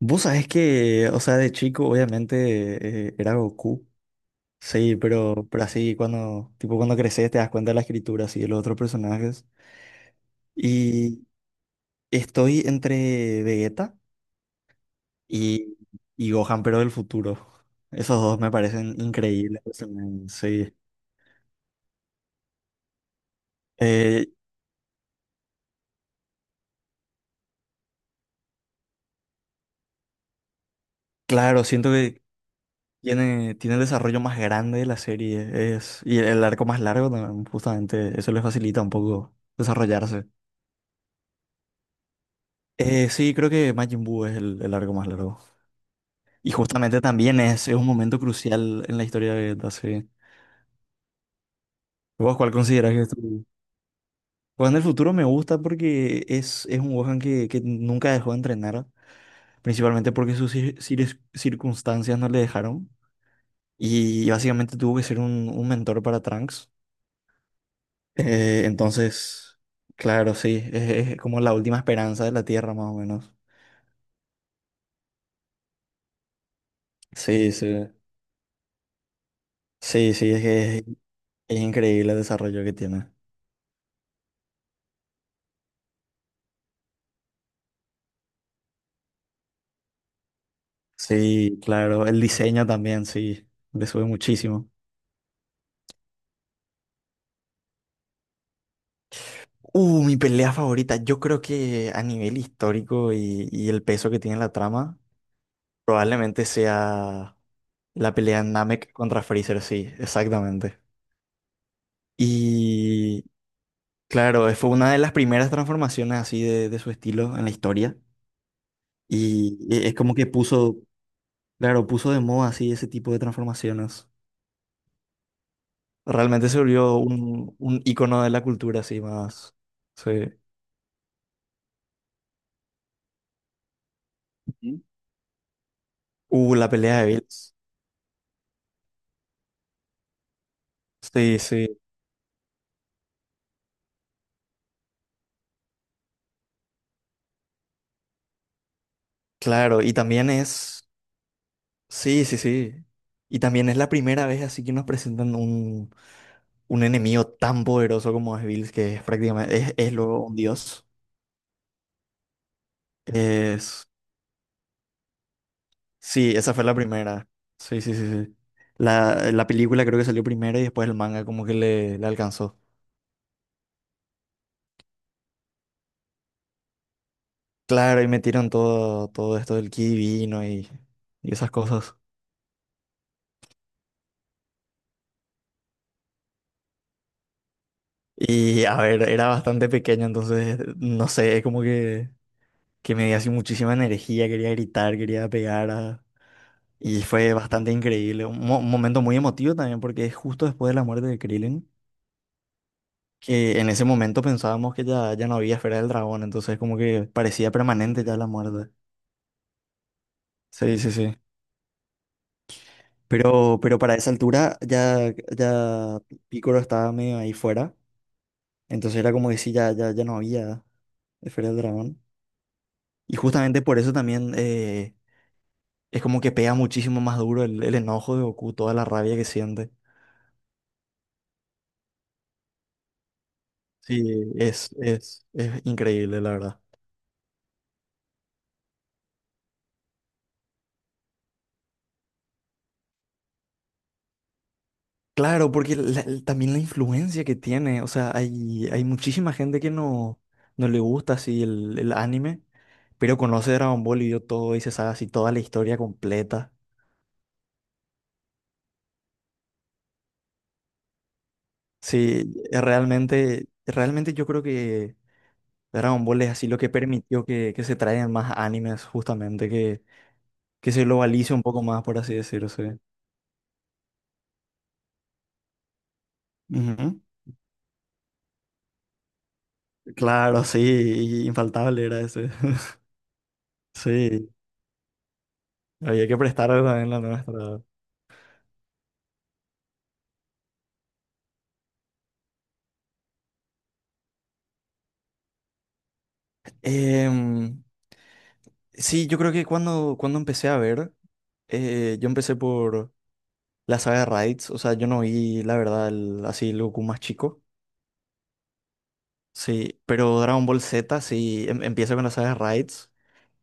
Vos sabés que, o sea, de chico obviamente era Goku, sí, pero así cuando, tipo cuando creces te das cuenta de la escritura, así, de los otros personajes. Y estoy entre Vegeta y, y Gohan, pero del futuro. Esos dos me parecen increíbles, sí. Eh, claro, siento que tiene el desarrollo más grande de la serie, y el arco más largo, también, justamente, eso le facilita un poco desarrollarse. Sí, creo que Majin Buu es el arco más largo. Y justamente también es un momento crucial en la historia de Vegeta, sí. ¿Vos cuál considerás que es tu...? Gohan del futuro me gusta porque es un Gohan que nunca dejó de entrenar, principalmente porque sus circunstancias no le dejaron. Y básicamente tuvo que ser un mentor para Trunks. Entonces, claro, sí, es como la última esperanza de la Tierra, más o menos. Sí, sí. Sí, sí, es que es increíble el desarrollo que tiene. Sí, claro, el diseño también, sí, le sube muchísimo. Mi pelea favorita, yo creo que a nivel histórico y el peso que tiene la trama, probablemente sea la pelea Namek contra Freezer, sí, exactamente. Y claro, fue una de las primeras transformaciones así de su estilo en la historia. Y es como que puso, claro, puso de moda así ese tipo de transformaciones. Realmente se volvió un ícono de la cultura así más. Sí. La pelea de Bills. Sí, sí, claro. Y también es. Sí, sí, sí. Y también es la primera vez así que nos presentan un enemigo tan poderoso como es Bills, que es prácticamente. Es luego un dios. Es. Sí, esa fue la primera. Sí, sí, sí, sí. La película creo que salió primero y después el manga como que le alcanzó. Claro, y metieron todo esto del ki divino y esas cosas. Y a ver, era bastante pequeño, entonces no sé, es como que me dio así muchísima energía, quería gritar, quería pegar. Y fue bastante increíble. Un momento muy emotivo también, porque es justo después de la muerte de Krillin, que en ese momento pensábamos que ya no había esfera del dragón, entonces como que parecía permanente ya la muerte. Sí, sí, sí. Pero para esa altura ya Picoro estaba medio ahí fuera, entonces era como que sí, ya no había esfera del dragón. Y justamente por eso también es como que pega muchísimo más duro el enojo de Goku, toda la rabia que siente. Sí, es increíble, la verdad. Claro, porque también la influencia que tiene, o sea, hay muchísima gente que no le gusta así el anime, pero conoce Dragon Ball y vio todo y se sabe así toda la historia completa. Sí, realmente yo creo que Dragon Ball es así lo que permitió que se traigan más animes, justamente, que se globalice un poco más, por así decirse. Ujú. Claro, sí, infaltable era ese. Sí. Había que prestar también la nuestra. Em, sí, yo creo que cuando empecé a ver, yo empecé por la saga de Raids. O sea, yo no vi, la verdad, así el Goku más chico. Sí, pero Dragon Ball Z sí empieza con la saga de Raids.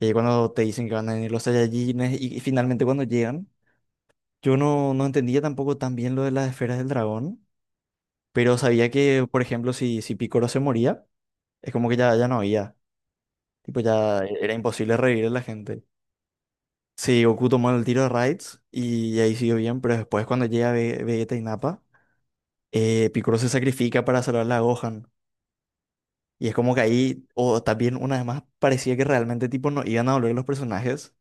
Y ahí cuando te dicen que van a venir los Saiyajines y finalmente cuando llegan, yo no entendía tampoco tan bien lo de las esferas del dragón. Pero sabía que, por ejemplo, si Piccolo se moría, es como que ya no había. Tipo, ya era imposible revivir a la gente. Sí, Goku tomó el tiro de Raids y ahí siguió bien, pero después cuando llega Vegeta y Nappa, Piccolo se sacrifica para salvar a Gohan. Y es como que ahí, o también una vez más, parecía que realmente tipo no iban a volver los personajes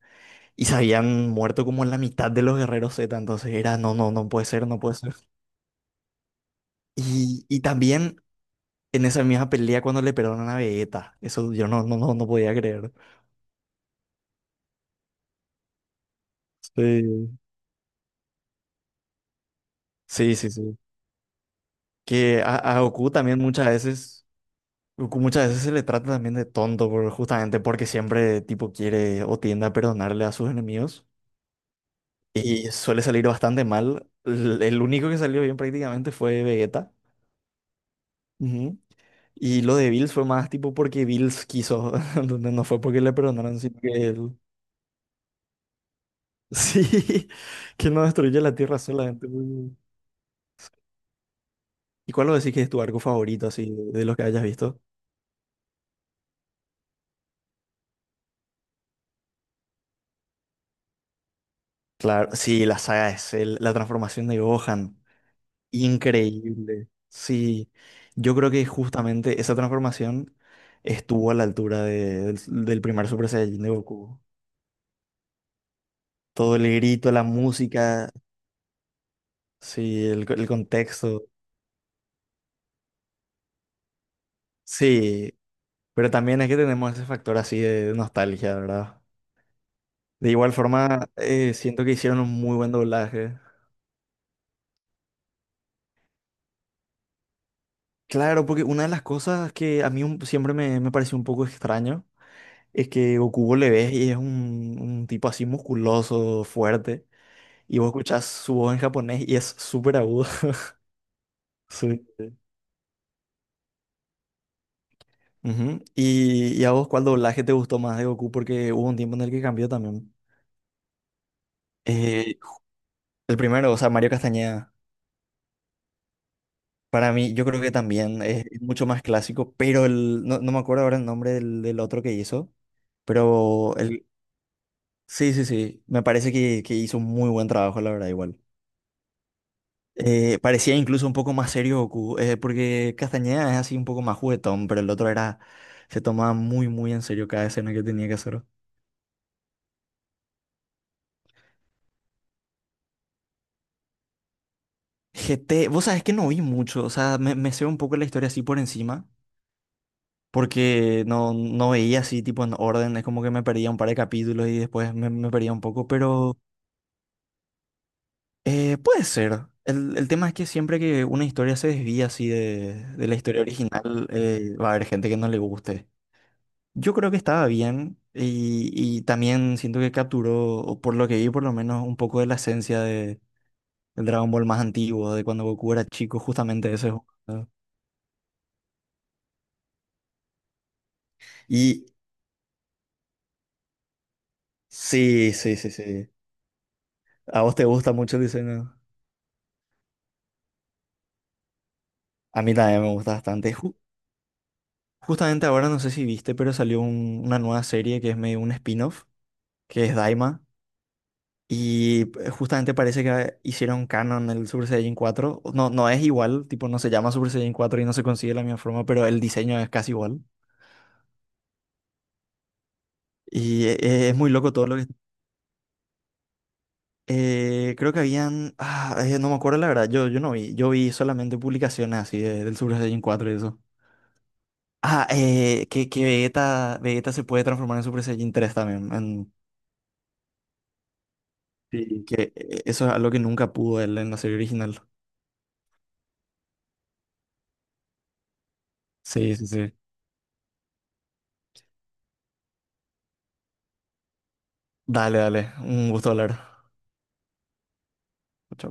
y se habían muerto como la mitad de los guerreros Z, entonces era no, no, no puede ser, no puede ser. Y también en esa misma pelea cuando le perdonan a Vegeta, eso yo no podía creer. Sí, sí, sí, sí. Que a Goku muchas veces se le trata también de tonto, justamente porque siempre tipo quiere o tiende a perdonarle a sus enemigos y suele salir bastante mal. El único que salió bien prácticamente fue Vegeta. Ujú. Y lo de Bills fue más tipo porque Bills quiso, donde no fue porque le perdonaron, sino que él... Sí, que no destruye la Tierra solamente. ¿Y cuál lo decís que es tu arco favorito así de los que hayas visto? Claro, sí, la saga es la transformación de Gohan. Increíble. Sí, yo creo que justamente esa transformación estuvo a la altura del primer Super Saiyajin de Goku. Todo el grito, la música, sí, el contexto. Sí, pero también es que tenemos ese factor así de nostalgia, ¿verdad? De igual forma, siento que hicieron un muy buen doblaje. Claro, porque una de las cosas que a mí siempre me pareció un poco extraño es que Goku vos le ves y es un tipo así musculoso, fuerte. Y vos escuchás su voz en japonés y es súper agudo. Sí. Ujú. ¿Y a vos cuál doblaje te gustó más de Goku? Porque hubo un tiempo en el que cambió también. Eh, el primero, o sea, Mario Castañeda. Para mí, yo creo que también es mucho más clásico, pero no me acuerdo ahora el nombre del otro que hizo, pero sí, sí, sí, me parece que hizo un muy buen trabajo, la verdad, igual. Parecía incluso un poco más serio Goku, porque Castañeda es así un poco más juguetón, pero el otro era, se tomaba muy, muy en serio cada escena que tenía que hacer. GT, vos sabés que no vi mucho, o sea, me sé un poco la historia así por encima, porque no veía así tipo en orden, es como que me perdía un par de capítulos y después me perdía un poco, pero puede ser. El tema es que siempre que una historia se desvía así de la historia original, va a haber gente que no le guste. Yo creo que estaba bien y también siento que capturó, o por lo que vi por lo menos, un poco de la esencia del Dragon Ball más antiguo, de cuando Goku era chico, justamente ese juego, ¿no? Y sí, sí, sí, sí. ¿A vos te gusta mucho el diseño? A mí también me gusta bastante. Justamente ahora no sé si viste, pero salió una nueva serie que es medio un spin-off, que es Daima. Y justamente parece que hicieron canon el Super Saiyajin 4. No, no es igual, tipo, no se llama Super Saiyajin 4 y no se consigue de la misma forma, pero el diseño es casi igual. Y es muy loco todo lo que... creo que habían... no me acuerdo la verdad, yo no vi. Yo vi solamente publicaciones así del Super Saiyajin 4 y eso. Que Vegeta se puede transformar en Super Saiyajin 3 también. Sí. Que eso es algo que nunca pudo él en la serie original. Sí, sí, sí. Dale, dale. Un gusto hablar. Chao.